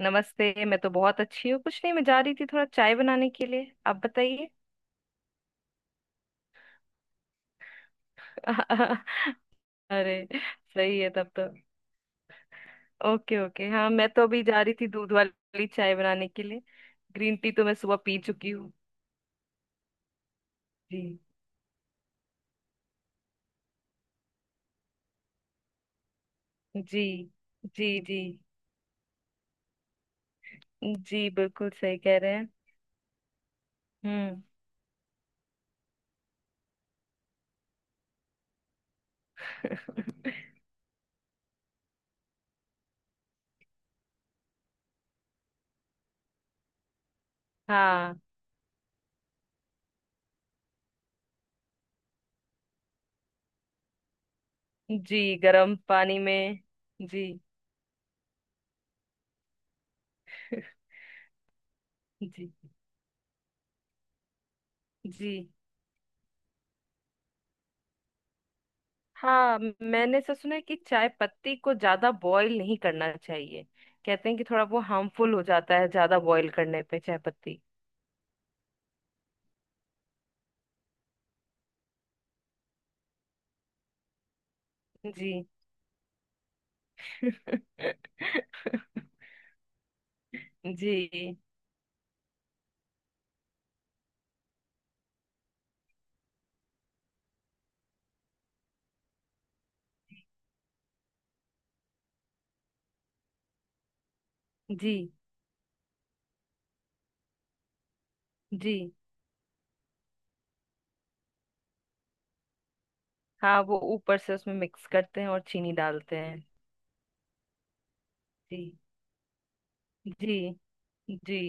नमस्ते। मैं तो बहुत अच्छी हूँ। कुछ नहीं, मैं जा रही थी थोड़ा चाय बनाने के लिए। आप बताइए। अरे, सही है तब तो। ओके ओके, हाँ मैं तो अभी जा रही थी दूध वाली चाय बनाने के लिए। ग्रीन टी तो मैं सुबह पी चुकी हूँ। जी जी जी। जी जी, बिल्कुल सही कह रहे हैं। हम्म। हाँ। जी, गर्म पानी में। जी। जी जी। हाँ, मैंने ऐसा सुना है कि चाय पत्ती को ज्यादा बॉईल नहीं करना चाहिए। कहते हैं कि थोड़ा वो हार्मफुल हो जाता है ज्यादा बॉईल करने पे चाय पत्ती। जी। जी जी जी। हाँ, वो ऊपर से उसमें मिक्स करते हैं और चीनी डालते हैं। जी जी। जी।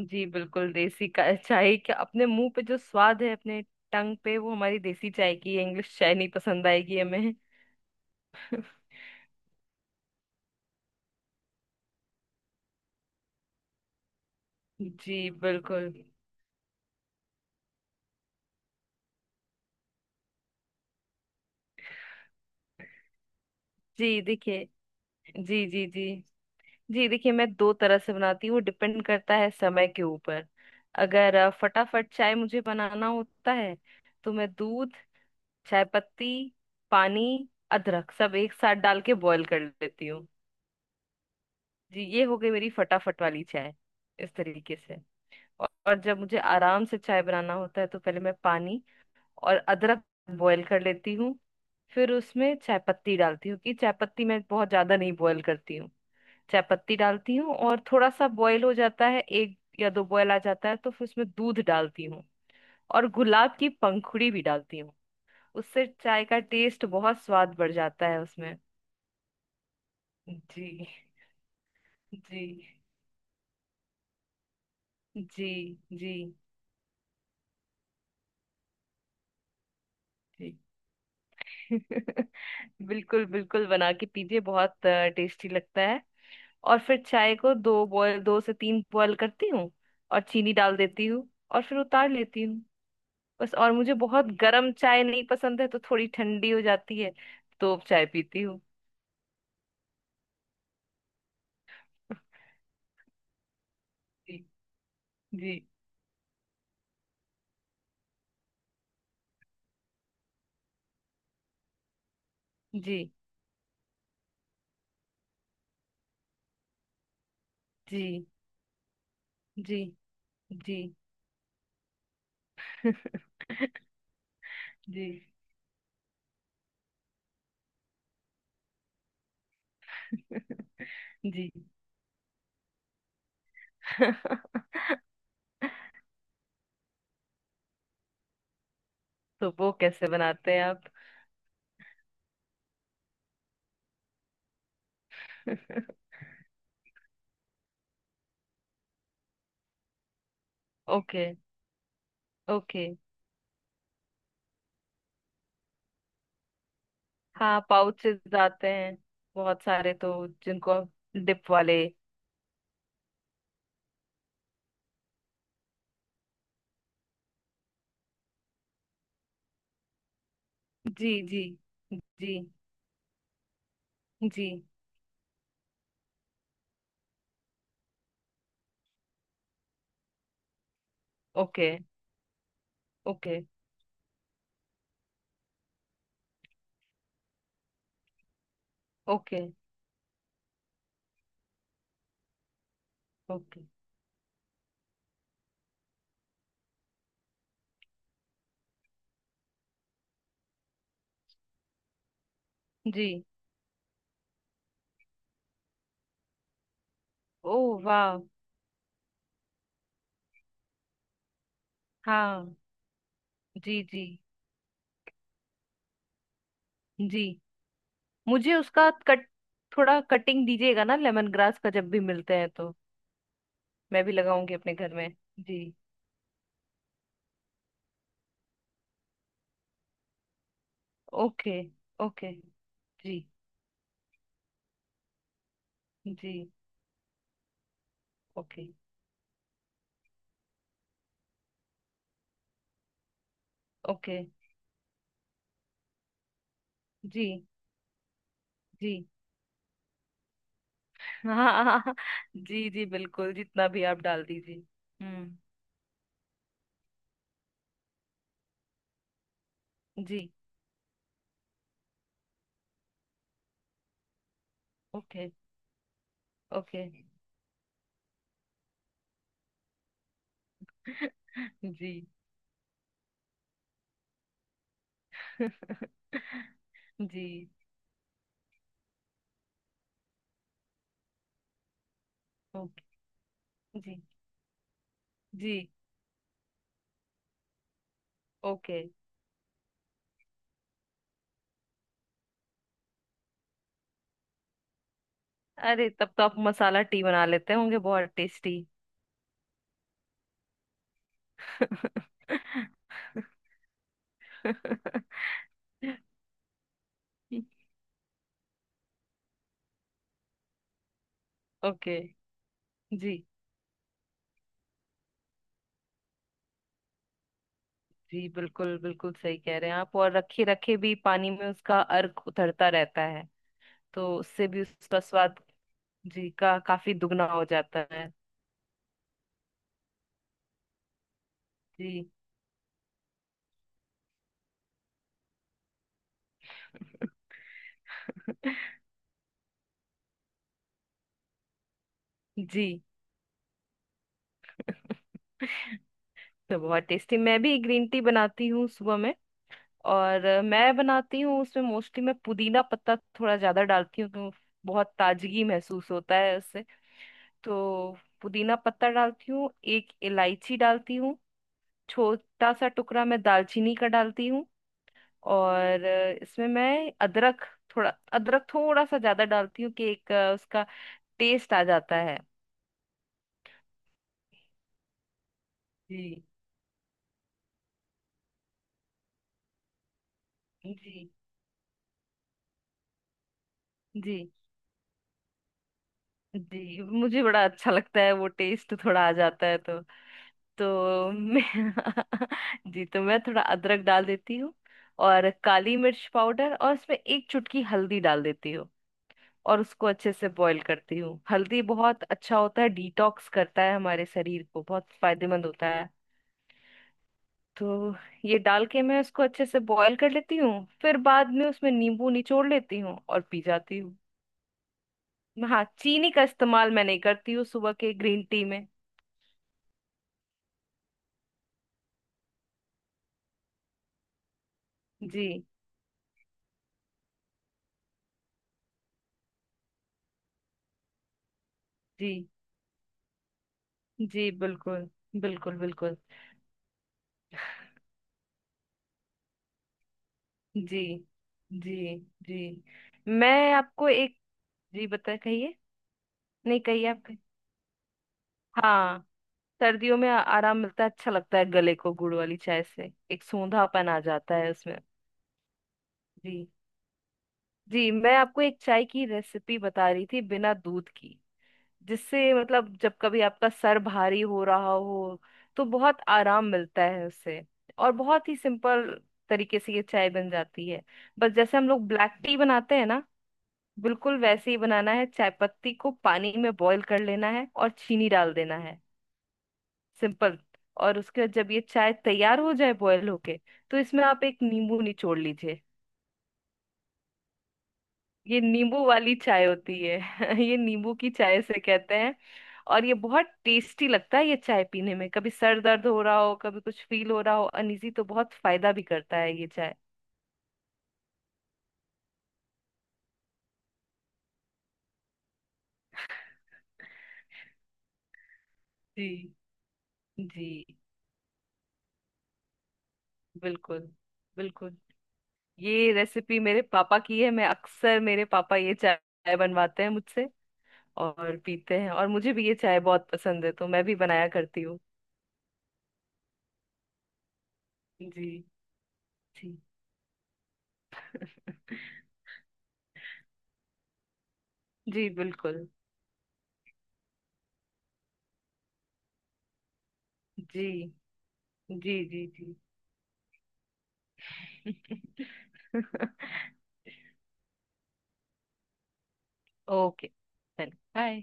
जी बिल्कुल, देसी का चाय का अपने मुंह पे जो स्वाद है, अपने टंग पे, वो हमारी देसी चाय की है। इंग्लिश चाय नहीं पसंद आएगी हमें। जी बिल्कुल। जी देखिए। जी जी जी। जी देखिए, मैं दो तरह से बनाती हूँ, डिपेंड करता है समय के ऊपर। अगर फटाफट चाय मुझे बनाना होता है, तो मैं दूध, चाय पत्ती, पानी, अदरक सब एक साथ डाल के बॉईल कर लेती हूँ। जी, ये हो गई मेरी फटाफट वाली चाय इस तरीके से। और जब मुझे आराम से चाय बनाना होता है, तो पहले मैं पानी और अदरक बॉईल कर लेती हूँ। फिर उसमें चाय पत्ती डालती हूँ, कि चाय पत्ती मैं बहुत ज्यादा नहीं बॉईल करती हूँ। चाय पत्ती डालती हूँ और थोड़ा सा बॉयल हो जाता है, एक या दो बॉयल आ जाता है, तो फिर उसमें दूध डालती हूँ। और गुलाब की पंखुड़ी भी डालती हूँ, उससे चाय का टेस्ट बहुत स्वाद बढ़ जाता है उसमें। जी जी। जी जी। जी। बिल्कुल बिल्कुल, बना के पीजिए, बहुत टेस्टी लगता है। और फिर चाय को दो बॉयल, दो से तीन बॉयल करती हूँ, और चीनी डाल देती हूँ, और फिर उतार लेती हूँ, बस। और मुझे बहुत गर्म चाय नहीं पसंद है, तो थोड़ी ठंडी हो जाती है, तो चाय पीती हूँ। जी जी। जी जी। जी जी। जी। जी। तो वो कैसे बनाते हैं आप? ओके। ओके। हाँ, पाउचेस आते हैं बहुत सारे तो। जिनको डिप वाले। जी जी। जी जी। ओके। ओके। ओके। ओके। जी। ओ। वाह। हाँ। जी जी जी। मुझे उसका कट, थोड़ा कटिंग दीजिएगा ना लेमन ग्रास का जब भी मिलते हैं तो। मैं भी लगाऊंगी अपने घर में। जी। ओके। ओके। जी जी। ओके। ओके। जी। जी। हाँ। हाँ, हाँ, जी जी बिल्कुल, जितना भी आप डाल दीजिए। हम्म। जी। ओके। ओके। जी। जी। ओके। जी। जी। ओके। अरे, तब तो आप मसाला टी बना लेते होंगे, बहुत टेस्टी। ओके। जी जी बिल्कुल बिल्कुल सही कह रहे हैं आप। और रखे रखे भी पानी में उसका अर्क उतरता रहता है, तो उससे भी उसका स्वाद जी का काफी दुगना हो जाता है। जी। जी। तो बहुत टेस्टी। मैं भी ग्रीन टी बनाती हूँ सुबह में। और मैं बनाती हूँ, उसमें मोस्टली मैं पुदीना पत्ता थोड़ा ज्यादा डालती हूँ, तो बहुत ताजगी महसूस होता है। तो पुदीना पत्ता डालती हूँ, एक इलायची डालती हूँ, छोटा सा टुकड़ा मैं दालचीनी का डालती हूँ, और इसमें मैं अदरक, थोड़ा अदरक थोड़ा सा ज्यादा डालती हूँ कि एक उसका टेस्ट आ जाता है। जी जी। जी जी मुझे बड़ा अच्छा लगता है वो टेस्ट थोड़ा आ जाता है तो। तो मैं जी तो मैं थोड़ा अदरक डाल देती हूँ। और काली मिर्च पाउडर और इसमें एक चुटकी हल्दी डाल देती हूँ। और उसको अच्छे से बॉईल करती हूँ। हल्दी बहुत अच्छा होता है, डिटॉक्स करता है हमारे शरीर को, बहुत फायदेमंद होता है। तो ये डाल के मैं उसको अच्छे से बॉईल कर लेती हूँ। फिर बाद में उसमें नींबू निचोड़ लेती हूँ और पी जाती हूँ। हाँ, चीनी का इस्तेमाल मैं नहीं करती हूँ सुबह के ग्रीन टी में। जी। जी जी बिल्कुल। बिल्कुल बिल्कुल। जी जी। जी मैं आपको एक, जी बता, कहिए। नहीं, कहिए आप। हाँ, सर्दियों में आराम मिलता है, अच्छा लगता है गले को गुड़ वाली चाय से, एक सूंधापन आ जाता है उसमें। जी। जी, मैं आपको एक चाय की रेसिपी बता रही थी बिना दूध की, जिससे मतलब जब कभी आपका सर भारी हो रहा हो तो बहुत आराम मिलता है उससे। और बहुत ही सिंपल तरीके से ये चाय बन जाती है। बस जैसे हम लोग ब्लैक टी बनाते हैं ना, बिल्कुल वैसे ही बनाना है। चाय पत्ती को पानी में बॉईल कर लेना है और चीनी डाल देना है। सिंपल। और उसके बाद जब ये चाय तैयार हो जाए बॉयल होके, तो इसमें आप एक नींबू निचोड़ लीजिए। ये नींबू वाली चाय होती है। ये नींबू की चाय से कहते हैं। और ये बहुत टेस्टी लगता है ये चाय पीने में। कभी सर दर्द हो रहा हो, कभी कुछ फील हो रहा हो अनइजी, तो बहुत फायदा भी करता है ये चाय। जी। जी बिल्कुल। बिल्कुल। ये रेसिपी मेरे पापा की है। मैं अक्सर, मेरे पापा ये चाय बनवाते हैं मुझसे और पीते हैं, और मुझे भी ये चाय बहुत पसंद है तो मैं भी बनाया करती हूँ। जी। जी। जी बिल्कुल। जी जी जी जी। ओके। चलिए। बाय।